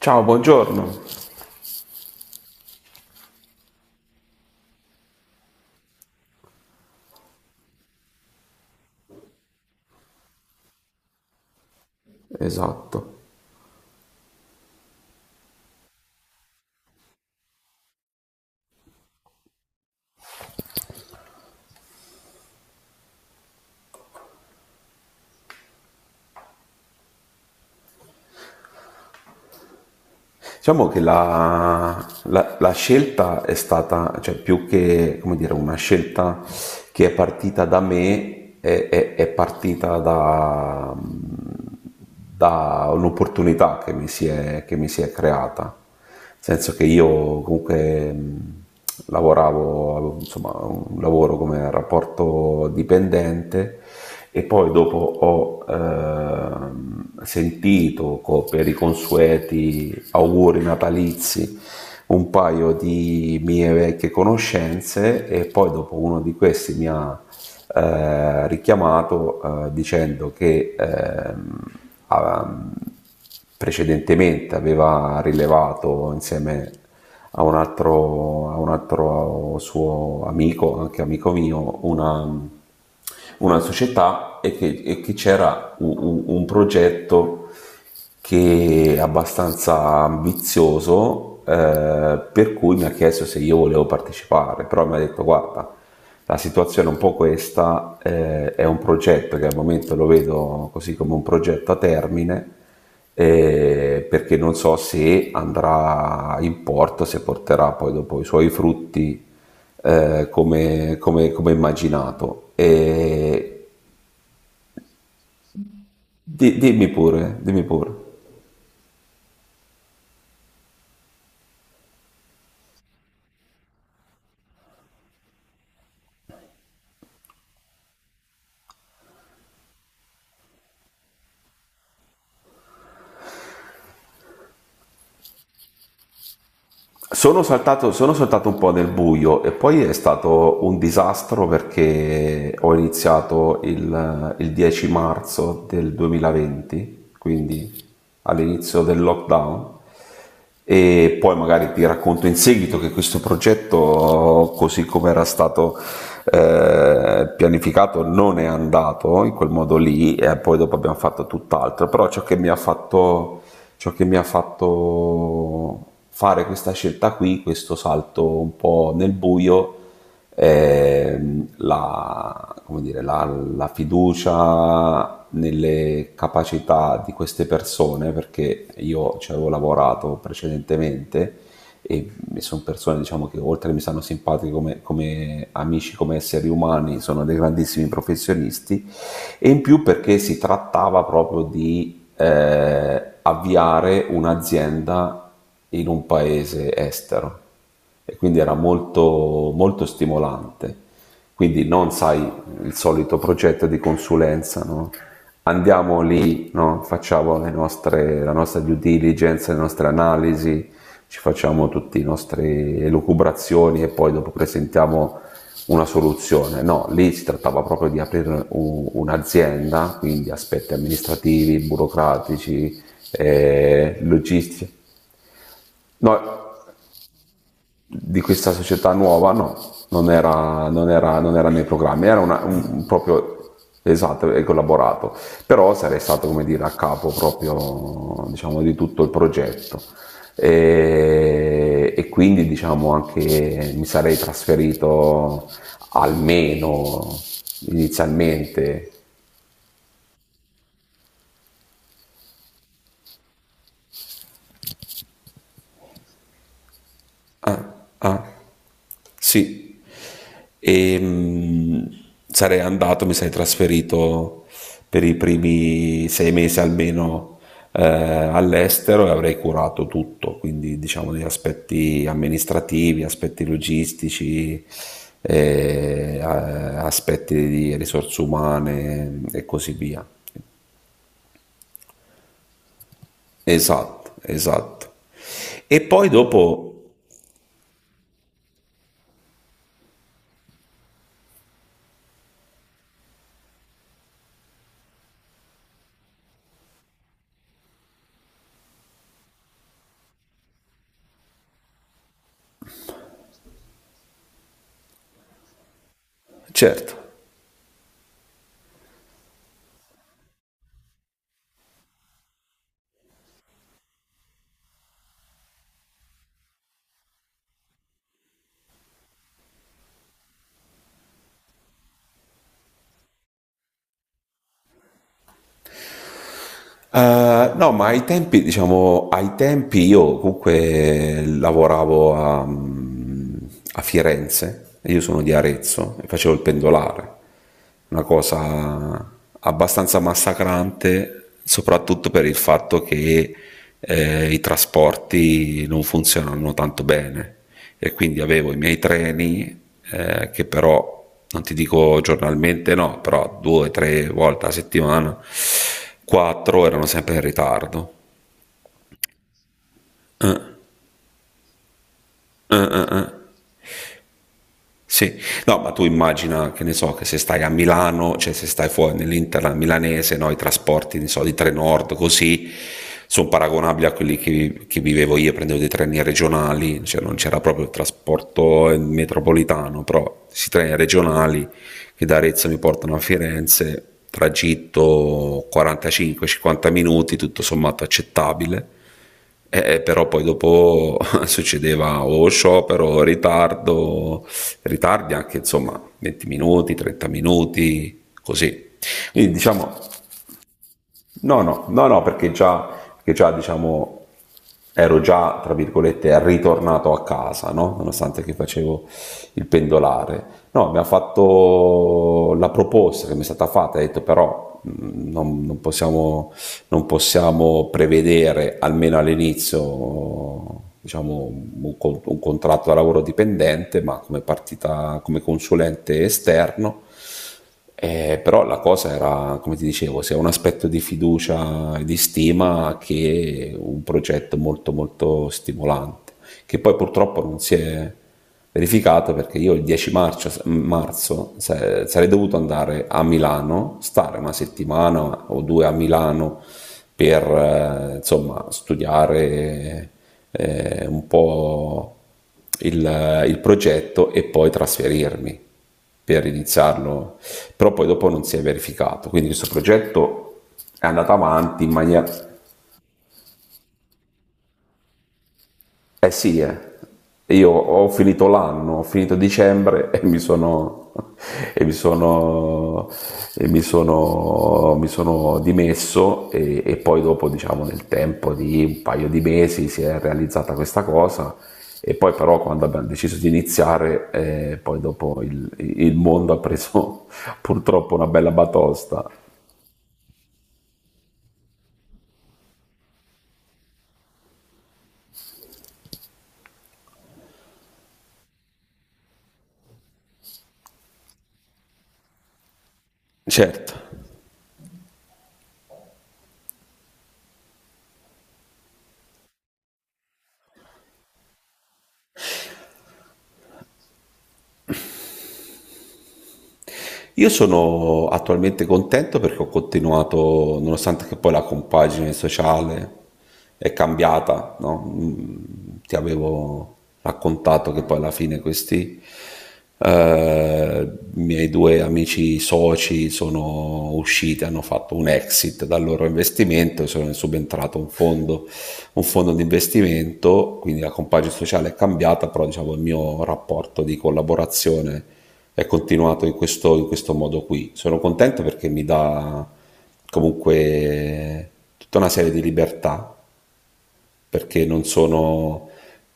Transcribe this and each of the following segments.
Ciao, buongiorno. Esatto. Diciamo che la scelta è stata, cioè più che, come dire, una scelta che è partita da me, è partita da, da un'opportunità che che mi si è creata. Nel senso che io comunque lavoravo, avevo, insomma, un lavoro come rapporto dipendente e poi dopo ho sentito per i consueti auguri natalizi un paio di mie vecchie conoscenze e poi dopo uno di questi mi ha richiamato dicendo che ah, precedentemente aveva rilevato insieme a un altro suo amico, anche amico mio, una società e che c'era un progetto che è abbastanza ambizioso, per cui mi ha chiesto se io volevo partecipare, però mi ha detto guarda, la situazione è un po' questa, è un progetto che al momento lo vedo così come un progetto a termine, perché non so se andrà in porto, se porterà poi dopo i suoi frutti, come, come immaginato. E dimmi pure, dimmi pure. Sono saltato un po' nel buio e poi è stato un disastro perché ho iniziato il 10 marzo del 2020, quindi all'inizio del lockdown, e poi magari ti racconto in seguito che questo progetto così come era stato, pianificato non è andato in quel modo lì e poi dopo abbiamo fatto tutt'altro. Però ciò che mi ha fatto fare questa scelta qui, questo salto un po' nel buio, è la, come dire, la, la fiducia nelle capacità di queste persone, perché io ci avevo lavorato precedentemente, e sono persone diciamo, che oltre che mi stanno simpatiche come, come amici, come esseri umani, sono dei grandissimi professionisti, e in più perché si trattava proprio di, avviare un'azienda in un paese estero, e quindi era molto, molto stimolante. Quindi non sai, il solito progetto di consulenza, no? Andiamo lì, no? Facciamo la nostra due diligence, le nostre analisi, ci facciamo tutte le nostre elucubrazioni e poi dopo presentiamo una soluzione. No, lì si trattava proprio di aprire un'azienda, quindi aspetti amministrativi, burocratici, logistici. No, di questa società nuova, no, non era nei programmi, era un proprio, esatto, e collaborato, però sarei stato, come dire, a capo proprio, diciamo, di tutto il progetto. E quindi, diciamo, anche mi sarei trasferito almeno inizialmente. Ah, ah. Sì, e sarei andato, mi sarei trasferito per i primi 6 mesi almeno, all'estero, e avrei curato tutto, quindi diciamo gli aspetti amministrativi, aspetti logistici, aspetti di risorse umane e così via. Esatto, esatto. E poi dopo, certo. No, ma ai tempi, diciamo, ai tempi io comunque lavoravo a, a Firenze, e io sono di Arezzo e facevo il pendolare, una cosa abbastanza massacrante, soprattutto per il fatto che, i trasporti non funzionano tanto bene, e quindi avevo i miei treni, che però non ti dico giornalmente, no, però due o tre volte a settimana, quattro, erano sempre in ritardo. Eh. Sì, no, ma tu immagina, che ne so, che se stai a Milano, cioè se stai fuori nell'Interland milanese, no, i trasporti, ne so, di Trenord, così, sono paragonabili a quelli che vivevo io. Prendevo dei treni regionali, cioè non c'era proprio il trasporto, metropolitano, però questi treni regionali che da Arezzo mi portano a Firenze, tragitto 45-50 minuti, tutto sommato accettabile. Però poi dopo succedeva o sciopero, o ritardo, ritardi anche insomma 20 minuti, 30 minuti, così. Quindi diciamo no, no, no, no, perché già diciamo ero già, tra virgolette, ritornato a casa, no? Nonostante che facevo il pendolare. No, mi ha fatto la proposta che mi è stata fatta, ha detto però non possiamo prevedere, almeno all'inizio, diciamo, contratto da lavoro dipendente, ma come partita, come consulente esterno. Però la cosa era, come ti dicevo, sia un aspetto di fiducia e di stima che un progetto molto molto stimolante, che poi purtroppo non si è verificato, perché io il 10 marzo, sarei dovuto andare a Milano, stare una settimana o 2 a Milano per, insomma studiare, un po' il progetto e poi trasferirmi per iniziarlo, però poi dopo non si è verificato, quindi questo progetto è andato avanti in maniera... Eh sì, eh. Io ho finito l'anno, ho finito dicembre e e mi sono, mi sono dimesso, e poi dopo, diciamo, nel tempo di un paio di mesi si è realizzata questa cosa, e poi però quando abbiamo deciso di iniziare, poi dopo il mondo ha preso purtroppo una bella batosta. Certo. Io sono attualmente contento perché ho continuato, nonostante che poi la compagine sociale è cambiata, no? Mm, ti avevo raccontato che poi alla fine questi, miei due amici soci sono usciti, hanno fatto un exit dal loro investimento, e sono subentrato un fondo di investimento, quindi la compagine sociale è cambiata, però diciamo il mio rapporto di collaborazione è continuato in questo modo qui. Sono contento perché mi dà comunque tutta una serie di libertà, perché non sono,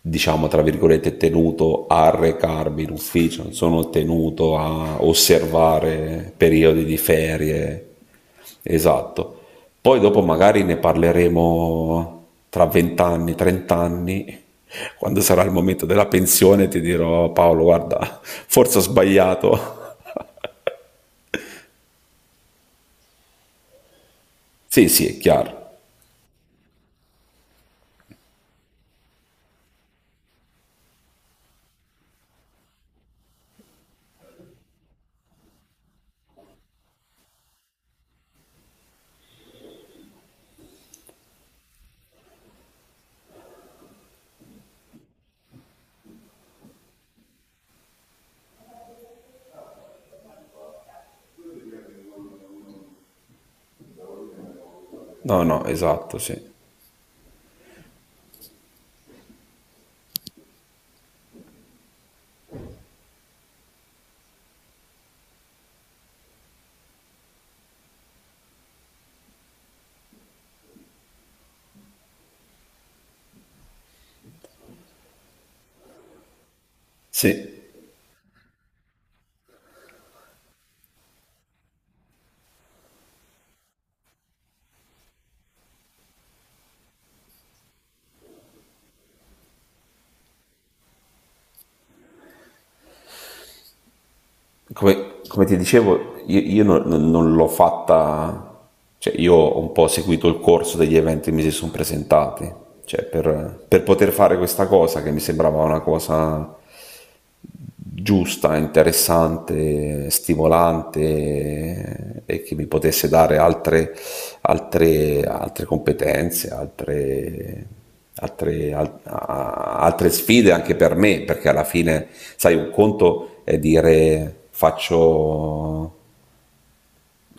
diciamo, tra virgolette, tenuto a recarmi in ufficio, non sono tenuto a osservare periodi di ferie. Esatto. Poi dopo magari ne parleremo tra 20 anni, 30 anni, quando sarà il momento della pensione, ti dirò Paolo, guarda, forse ho sbagliato. Sì, sì, è chiaro. No, no, esatto, sì. Sì. Come, come ti dicevo, io non l'ho fatta, cioè io ho un po' seguito il corso degli eventi che mi si sono presentati, cioè per poter fare questa cosa che mi sembrava una cosa giusta, interessante, stimolante e che mi potesse dare altre, altre competenze, altre sfide anche per me, perché alla fine, sai, un conto è dire faccio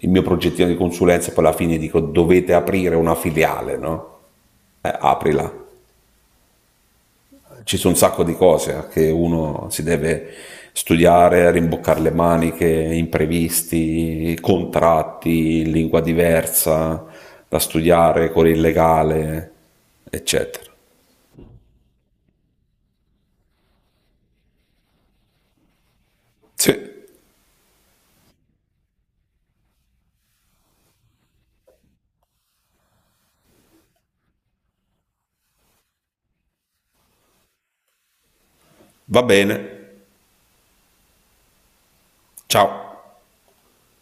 il mio progettino di consulenza e poi alla fine dico dovete aprire una filiale, no? Aprila. Ci sono un sacco di cose, che uno si deve studiare, rimboccare le maniche, imprevisti, contratti, lingua diversa, da studiare con il legale, eccetera. Sì, va bene. Ciao.